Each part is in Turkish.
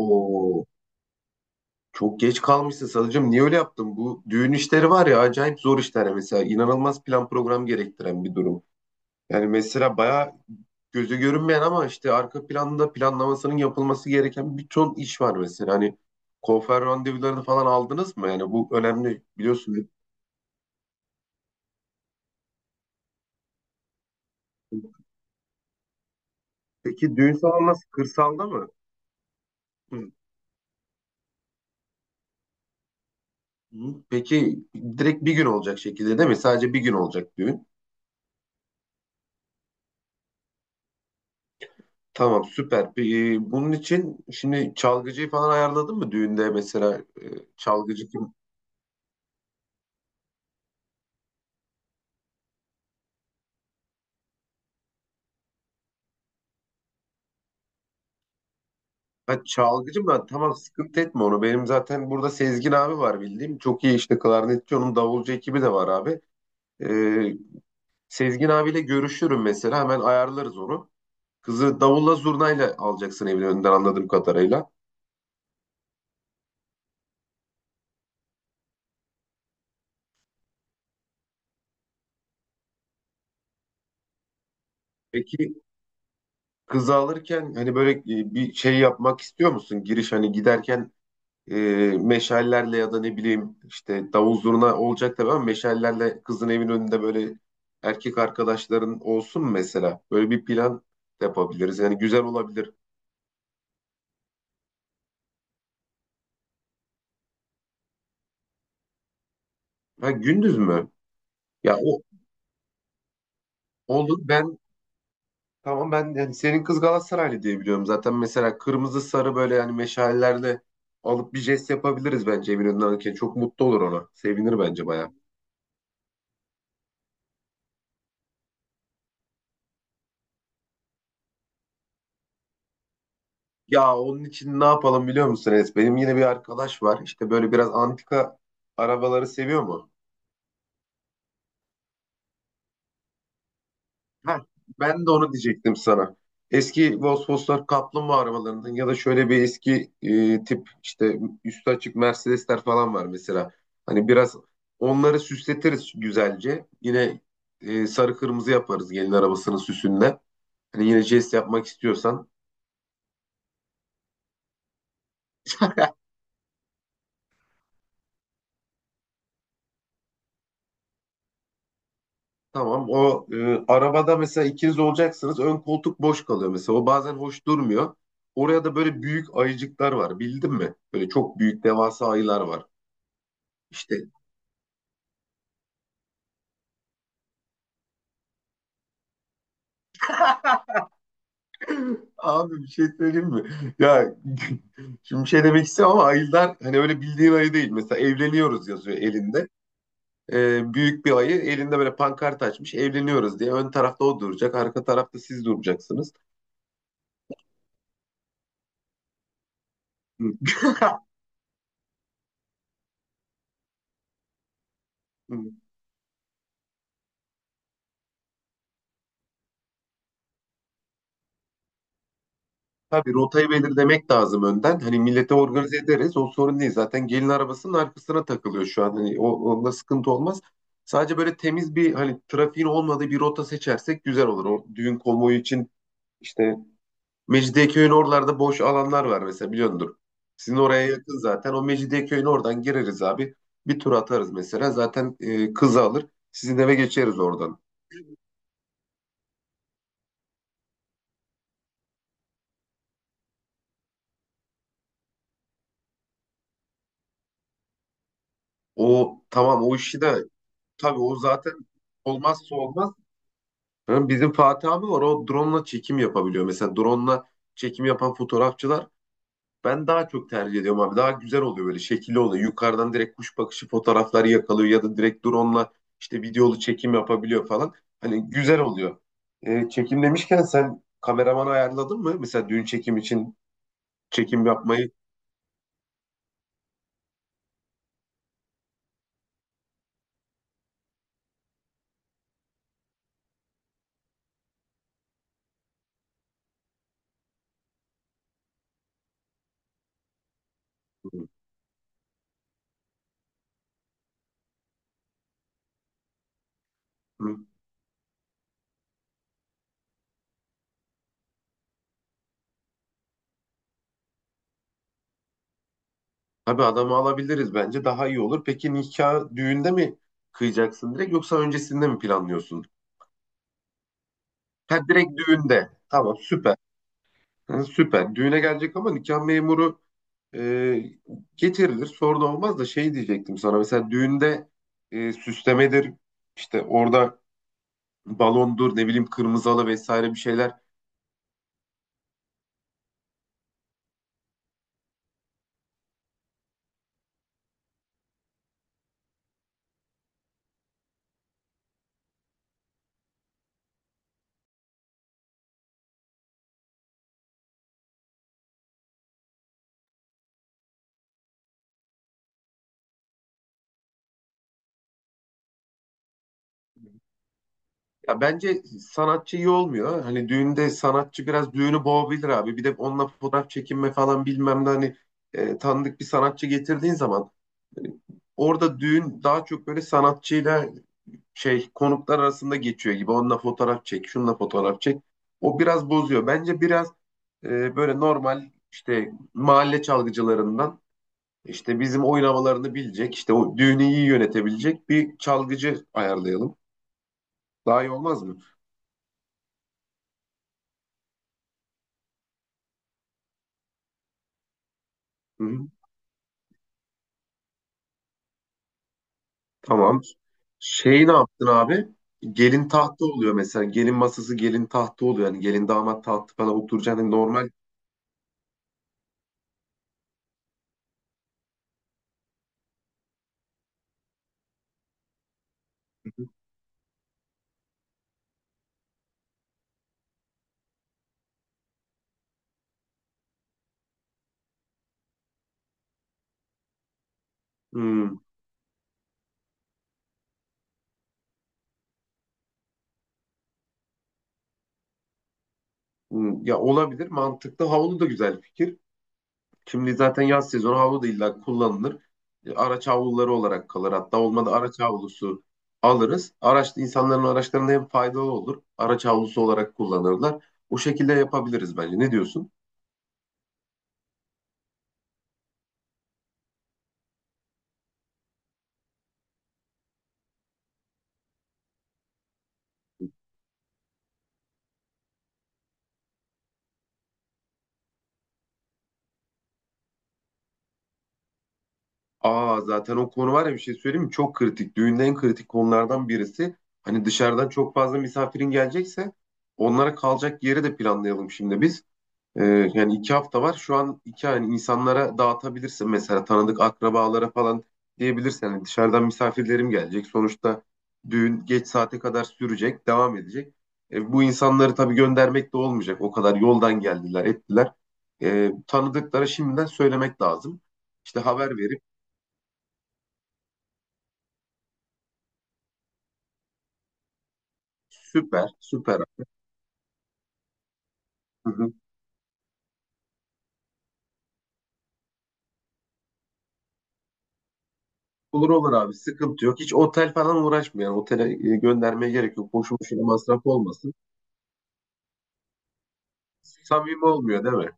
Oo, çok geç kalmışsın Sadıcığım. Niye öyle yaptın? Bu düğün işleri var ya acayip zor işler mesela. İnanılmaz plan program gerektiren bir durum. Yani mesela bayağı gözü görünmeyen ama işte arka planda planlamasının yapılması gereken bir ton iş var mesela. Hani konfer randevularını falan aldınız mı? Yani bu önemli biliyorsun. Peki düğün salonu nasıl? Kırsalda mı? Hı. Hı. Peki direkt bir gün olacak şekilde değil mi? Sadece bir gün olacak düğün. Tamam süper. Peki, bunun için şimdi çalgıcıyı falan ayarladın mı düğünde mesela çalgıcı kim? Ha, çalgıcı mı? Tamam sıkıntı etme onu. Benim zaten burada Sezgin abi var bildiğim. Çok iyi işte klarnetçi onun davulcu ekibi de var abi. E, Sezgin abiyle görüşürüm mesela hemen ayarlarız onu. Kızı davulla zurnayla alacaksın evin önünden anladığım kadarıyla. Peki kızı alırken hani böyle bir şey yapmak istiyor musun? Giriş hani giderken e, meşallerle ya da ne bileyim işte davul zurna olacak tabii ama meşallerle kızın evin önünde böyle erkek arkadaşların olsun mesela. Böyle bir plan yapabiliriz. Yani güzel olabilir. Ha gündüz mü? Ya o olur ben tamam ben yani senin kız Galatasaraylı diye biliyorum. Zaten mesela kırmızı sarı böyle yani meşallerle alıp bir jest yapabiliriz bence evin önünden alırken. Çok mutlu olur ona. Sevinir bence bayağı. Ya onun için ne yapalım biliyor musun Enes? Benim yine bir arkadaş var. İşte böyle biraz antika arabaları seviyor mu? Heh, ben de onu diyecektim sana. Eski Volkswagen kaplumbağa arabalarından ya da şöyle bir eski tip işte üstü açık Mercedesler falan var mesela. Hani biraz onları süsletiriz güzelce. Yine sarı kırmızı yaparız gelin arabasının süsünde. Hani yine jest yapmak istiyorsan. Tamam. Arabada mesela ikiniz olacaksınız. Ön koltuk boş kalıyor mesela. O bazen hoş durmuyor. Oraya da böyle büyük ayıcıklar var. Bildin mi? Böyle çok büyük devasa ayılar var. İşte abi bir şey söyleyeyim mi? Ya şimdi bir şey demek istemiyorum ama ayılar hani öyle bildiğin ayı değil. Mesela evleniyoruz yazıyor elinde. Büyük bir ayı elinde böyle pankart açmış. Evleniyoruz diye. Ön tarafta o duracak. Arka tarafta siz duracaksınız. Tabii rotayı belirlemek lazım önden. Hani millete organize ederiz. O sorun değil. Zaten gelin arabasının arkasına takılıyor şu an. Hani onda sıkıntı olmaz. Sadece böyle temiz bir hani trafiğin olmadığı bir rota seçersek güzel olur. O düğün konvoyu için işte Mecidiyeköy'ün oralarda boş alanlar var mesela biliyordur. Sizin oraya yakın zaten. O Mecidiyeköy'ün oradan gireriz abi. Bir tur atarız mesela. Zaten kızı alır. Sizin eve geçeriz oradan. O tamam o işi de tabii o zaten olmazsa olmaz. Ha, bizim Fatih abi var o drone'la çekim yapabiliyor. Mesela drone'la çekim yapan fotoğrafçılar ben daha çok tercih ediyorum abi. Daha güzel oluyor böyle şekilli oluyor. Yukarıdan direkt kuş bakışı fotoğrafları yakalıyor ya da direkt drone'la işte videolu çekim yapabiliyor falan. Hani güzel oluyor. Çekim demişken sen kameraman ayarladın mı? Mesela düğün çekim için çekim yapmayı. Hı. Tabii adamı alabiliriz bence daha iyi olur. Peki nikah düğünde mi kıyacaksın direkt yoksa öncesinde mi planlıyorsun? Ha direkt düğünde. Tamam süper. Ha, süper. Düğüne gelecek ama nikah memuru e, getirilir. Sorun olmaz da şey diyecektim sana. Mesela düğünde süslemedir, işte orada balondur, ne bileyim kırmızı halı vesaire bir şeyler. Ya bence sanatçı iyi olmuyor. Ha. Hani düğünde sanatçı biraz düğünü boğabilir abi. Bir de onunla fotoğraf çekinme falan bilmem ne hani tanıdık bir sanatçı getirdiğin zaman hani orada düğün daha çok böyle sanatçıyla şey konuklar arasında geçiyor gibi. Onunla fotoğraf çek, şununla fotoğraf çek. O biraz bozuyor. Bence biraz böyle normal işte mahalle çalgıcılarından işte bizim oynamalarını bilecek, işte o düğünü iyi yönetebilecek bir çalgıcı ayarlayalım. Daha iyi olmaz mı? Hı hı, tamam. Şey ne yaptın abi? Gelin tahtı oluyor mesela. Gelin masası gelin tahtı oluyor. Yani gelin damat tahtı falan oturacağını normal. Hmm, hmm. Ya olabilir mantıklı. Havlu da güzel fikir. Şimdi zaten yaz sezonu havlu da illa kullanılır. E, araç havluları olarak kalır. Hatta olmadı araç havlusu alırız. Araç insanların araçlarına hem faydalı olur. Araç havlusu olarak kullanırlar. O şekilde yapabiliriz bence. Ne diyorsun? Aa zaten o konu var ya bir şey söyleyeyim mi? Çok kritik. Düğünde en kritik konulardan birisi. Hani dışarıdan çok fazla misafirin gelecekse onlara kalacak yeri de planlayalım şimdi biz. Ee, yani iki hafta var. Şu an iki yani insanlara dağıtabilirsin mesela tanıdık akrabalara falan diyebilirsin. Yani dışarıdan misafirlerim gelecek. Sonuçta düğün geç saate kadar sürecek, devam edecek. E, bu insanları tabii göndermek de olmayacak. O kadar yoldan geldiler, ettiler. E, tanıdıklara şimdiden söylemek lazım. İşte haber verip süper, süper. Hı hı. Olur olur abi sıkıntı yok. Hiç otel falan uğraşmayalım. Otele göndermeye gerek yok. Boşu boşuna masraf olmasın. Samimi olmuyor değil mi?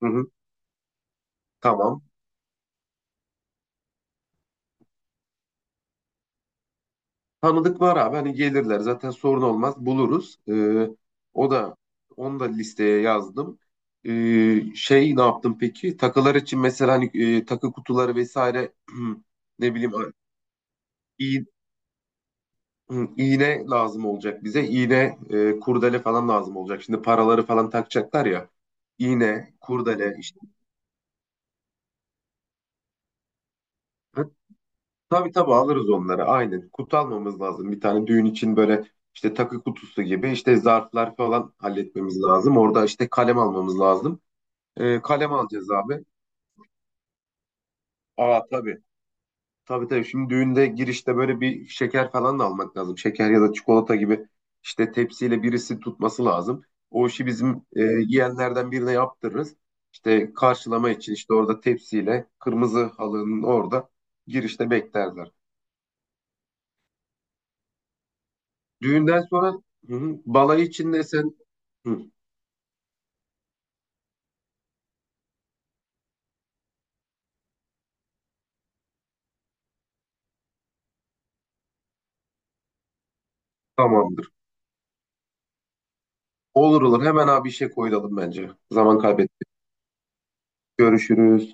Hı hı. Tamam. Tanıdık var abi hani gelirler zaten sorun olmaz buluruz. O da onu da listeye yazdım. Şey ne yaptım peki? Takılar için mesela hani takı kutuları vesaire ne bileyim iğ- iğne lazım olacak bize. İğne, kurdele falan lazım olacak. Şimdi paraları falan takacaklar ya. İğne, kurdele işte. Tabii alırız onları aynen. Kutu almamız lazım. Bir tane düğün için böyle işte takı kutusu gibi işte zarflar falan halletmemiz lazım. Orada işte kalem almamız lazım. Kalem alacağız abi. Aa tabii. Tabii. Şimdi düğünde girişte böyle bir şeker falan da almak lazım. Şeker ya da çikolata gibi işte tepsiyle birisi tutması lazım. O işi bizim yeğenlerden birine yaptırırız. İşte karşılama için işte orada tepsiyle kırmızı halının orada girişte beklerler. Düğünden sonra hı hı, balayı için de sen hı, tamamdır. Olur olur hemen abi işe koyulalım bence. Zaman kaybettik. Görüşürüz.